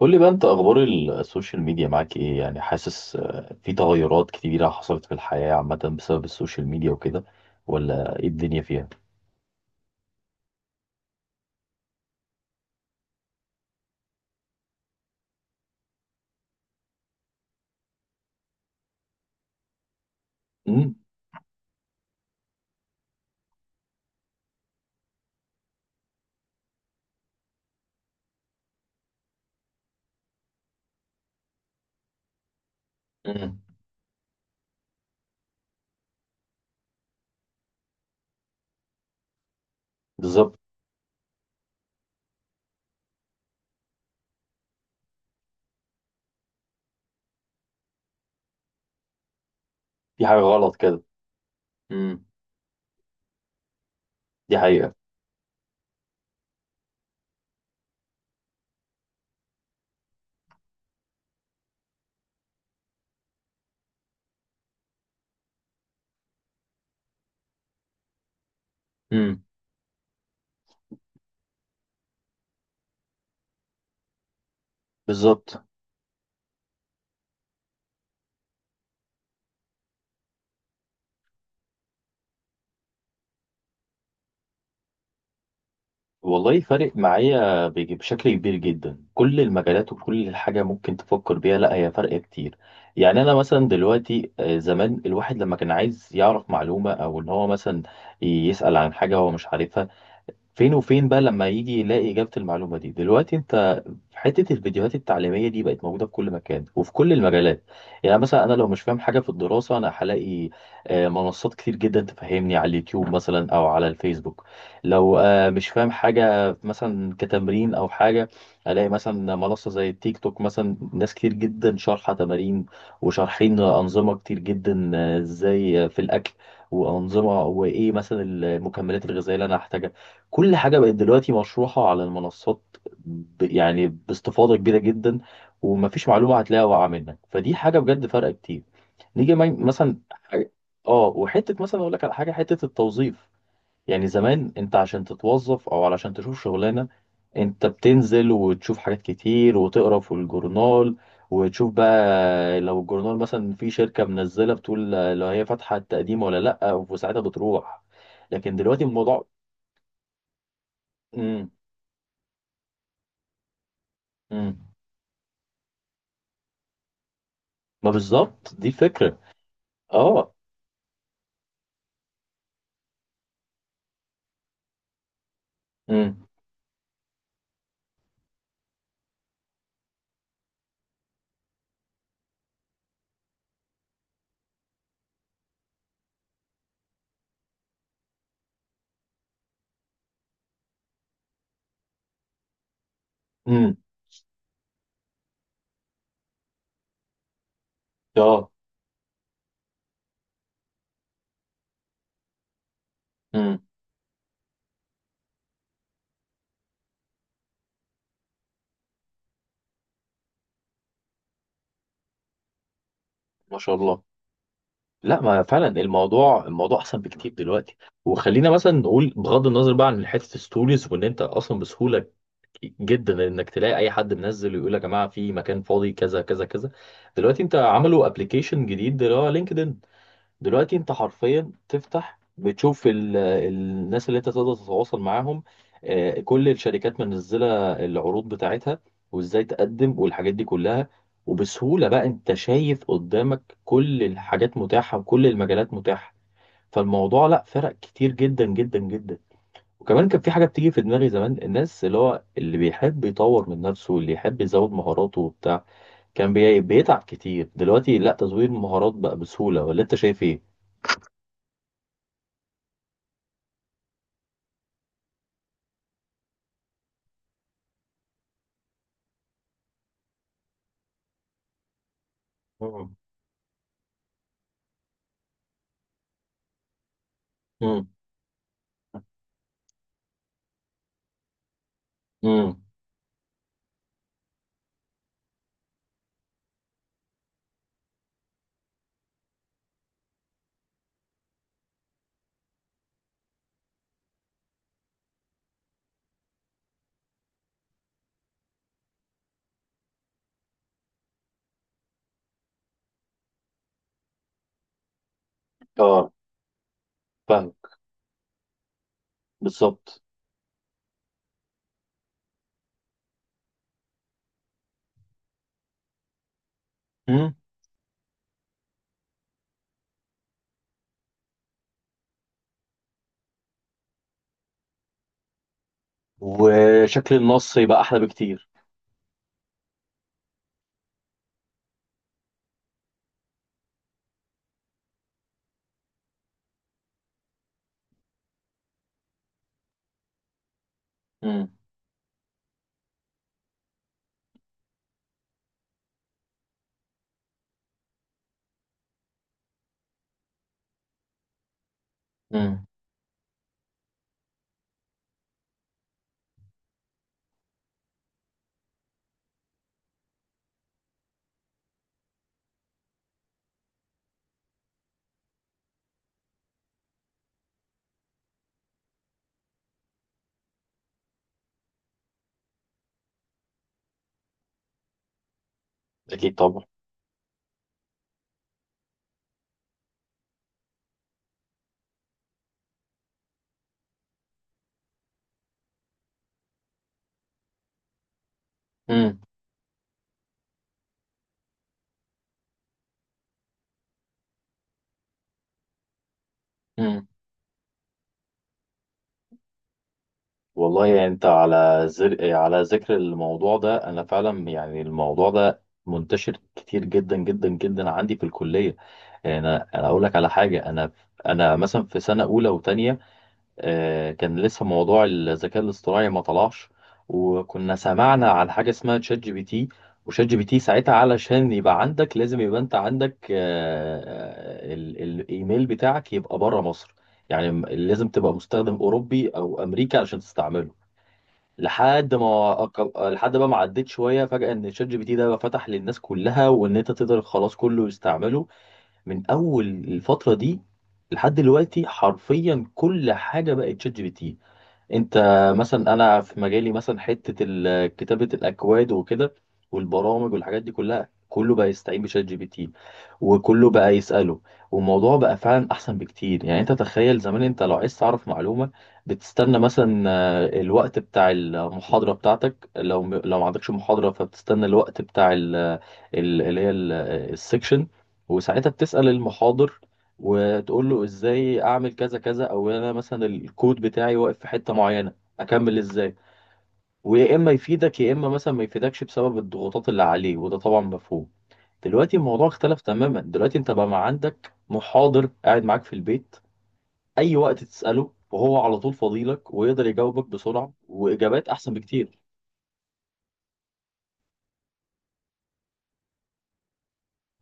قول لي بقى انت اخبار السوشيال ميديا معاك ايه؟ يعني حاسس في تغيرات كتيرة حصلت في الحياة عامة بسبب السوشيال ميديا وكده، ولا ايه الدنيا فيها؟ امم. امم. بالظبط. في حاجة غلط كده. امم. دي حقيقة. امم. بالظبط. والله فارق معايا بشكل كبير جدا، كل المجالات وكل حاجة ممكن تفكر بيها، لا هي فارقة كتير. يعني انا مثلا دلوقتي زمان الواحد لما كان عايز يعرف معلومة او ان هو مثلا يسأل عن حاجة هو مش عارفها، فين وفين بقى لما يجي يلاقي إجابة المعلومة دي. دلوقتي انت حتة الفيديوهات التعليمية دي بقت موجودة في كل مكان وفي كل المجالات. يعني مثلا أنا لو مش فاهم حاجة في الدراسة أنا هلاقي منصات كتير جدا تفهمني على اليوتيوب مثلا أو على الفيسبوك. لو مش فاهم حاجة مثلا كتمرين أو حاجة، ألاقي مثلا منصة زي التيك توك، مثلا ناس كتير جدا شارحة تمارين وشارحين أنظمة كتير جدا، إزاي في الأكل وأنظمة، وإيه مثلا المكملات الغذائية اللي أنا هحتاجها. كل حاجة بقت دلوقتي مشروحة على المنصات يعني باستفاضة كبيرة جدا، ومفيش معلومة هتلاقيها واقعة منك، فدي حاجة بجد فرق كتير. نيجي مثلا اه، وحتة مثلا اقول لك على حاجة، حتة التوظيف. يعني زمان انت عشان تتوظف او علشان تشوف شغلانة، انت بتنزل وتشوف حاجات كتير وتقرا في الجورنال، وتشوف بقى لو الجورنال مثلا في شركة منزلة، بتقول لو هي فاتحة التقديم ولا لأ، وساعتها بتروح. لكن دلوقتي الموضوع. امم. امم. ما بالظبط دي الفكرة. اه. امم. امم. اه. امم. ما شاء الله. لا، ما فعلا الموضوع احسن بكتير دلوقتي. وخلينا مثلا نقول بغض النظر بقى عن حته الستوريز، وان انت اصلا بسهوله جدا انك تلاقي اي حد منزل ويقول يا جماعه في مكان فاضي كذا كذا كذا. دلوقتي انت عملوا ابلكيشن جديد اللي هو لينكدين. دلوقتي انت حرفيا تفتح بتشوف الناس اللي انت تقدر تتواصل معاهم، كل الشركات منزله العروض بتاعتها، وازاي تقدم والحاجات دي كلها، وبسهوله بقى انت شايف قدامك كل الحاجات متاحه وكل المجالات متاحه. فالموضوع لا فرق كتير جدا جدا جدا. وكمان كان في حاجه بتيجي في دماغي، زمان الناس اللي هو اللي بيحب يطور من نفسه واللي يحب يزود مهاراته وبتاع كان بيتعب كتير. دلوقتي لا، تزويد المهارات بقى بسهوله، ولا انت شايف؟ ايه؟ مم. مم. اه، فاهم. بالظبط. مم. وشكل النص يبقى احلى بكتير. مم. مم. اكيد طبعا. مم. مم. والله يعني انت على ذكر الموضوع ده، انا فعلا يعني الموضوع ده منتشر كتير جدا جدا جدا عندي في الكليه. يعني انا اقول لك على حاجه، انا مثلا في سنه اولى وثانيه. كان لسه موضوع الذكاء الاصطناعي ما طلعش، وكنا سمعنا عن حاجة اسمها تشات جي بي تي. وشات جي بي تي ساعتها علشان يبقى عندك لازم يبقى انت عندك الايميل بتاعك يبقى بره مصر. يعني لازم تبقى مستخدم اوروبي او امريكا علشان تستعمله. لحد بقى ما عديت شويه فجاه، ان شات جي بي تي ده بقى فتح للناس كلها، وان انت تقدر خلاص كله يستعمله. من اول الفتره دي لحد دلوقتي حرفيا كل حاجه بقت شات جي بي تي. انت مثلا انا في مجالي مثلا حته كتابه الاكواد وكده، والبرامج والحاجات دي كلها، كله بقى يستعين بشات جي بي تي، وكله بقى يساله. والموضوع بقى فعلا احسن بكتير. يعني انت تخيل زمان انت لو عايز تعرف معلومه، بتستنى مثلا الوقت بتاع المحاضره بتاعتك. لو ما عندكش محاضره فبتستنى الوقت بتاع ال- اللي هي ال- السكشن، وساعتها بتسال المحاضر وتقول له ازاي اعمل كذا كذا، او انا مثلا الكود بتاعي واقف في حته معينه اكمل ازاي. ويا اما يفيدك يا اما مثلا ما يفيدكش بسبب الضغوطات اللي عليه، وده طبعا مفهوم. دلوقتي الموضوع اختلف تماما. دلوقتي انت بقى ما عندك محاضر قاعد معاك في البيت، اي وقت تساله وهو على طول فاضيلك، ويقدر يجاوبك بسرعه واجابات احسن بكتير.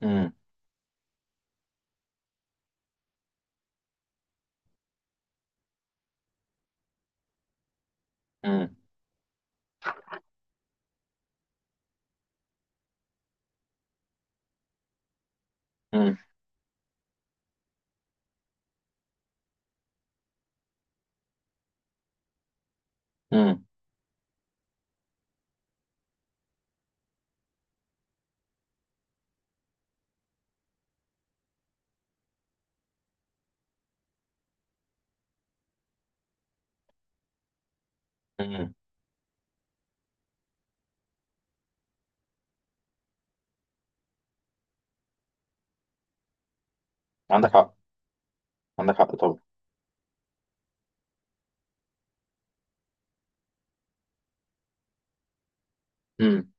امم. امم. امم. امم. عندك حق. عندك حق طبعا. مم.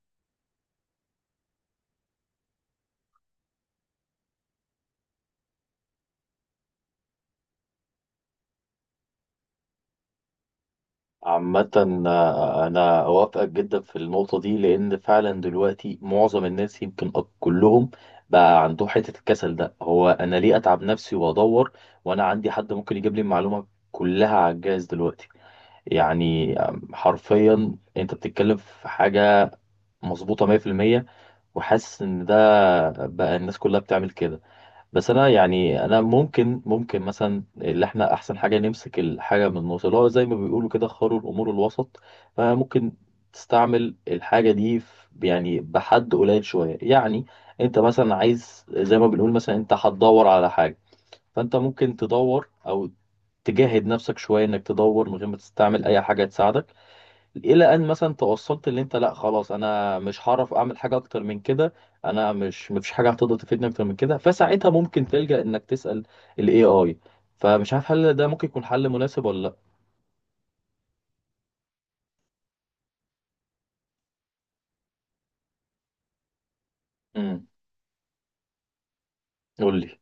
عامة أنا أوافقك جدا في النقطة دي، لأن فعلا دلوقتي معظم الناس يمكن كلهم بقى عندهم حتة الكسل ده. هو أنا ليه أتعب نفسي وأدور، وأنا عندي حد ممكن يجيب لي المعلومة كلها على الجهاز دلوقتي؟ يعني حرفيا أنت بتتكلم في حاجة مظبوطة 100%، وحاسس إن ده بقى الناس كلها بتعمل كده. بس انا، يعني انا ممكن مثلا اللي احنا احسن حاجه نمسك الحاجه من النص، اللي هو زي ما بيقولوا كده خير الامور الوسط. فممكن تستعمل الحاجه دي في، يعني بحد قليل شويه يعني. انت مثلا عايز زي ما بنقول، مثلا انت هتدور على حاجه، فانت ممكن تدور او تجاهد نفسك شويه انك تدور من غير ما تستعمل اي حاجه تساعدك، الى ان مثلا توصلت اللي انت لا خلاص انا مش هعرف اعمل حاجه اكتر من كده، انا مش، مفيش حاجه هتقدر تفيدني اكتر من كده، فساعتها ممكن تلجأ انك تسأل الاي اي. فمش عارف هل ده ممكن يكون حل مناسب ولا لا؟ امم. قول لي.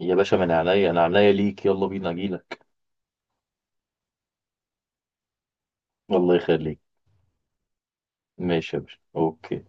يا باشا من عينيا، انا عينيا ليك، يلا بينا اجيلك. الله يخليك. ماشي يا باشا، اوكي.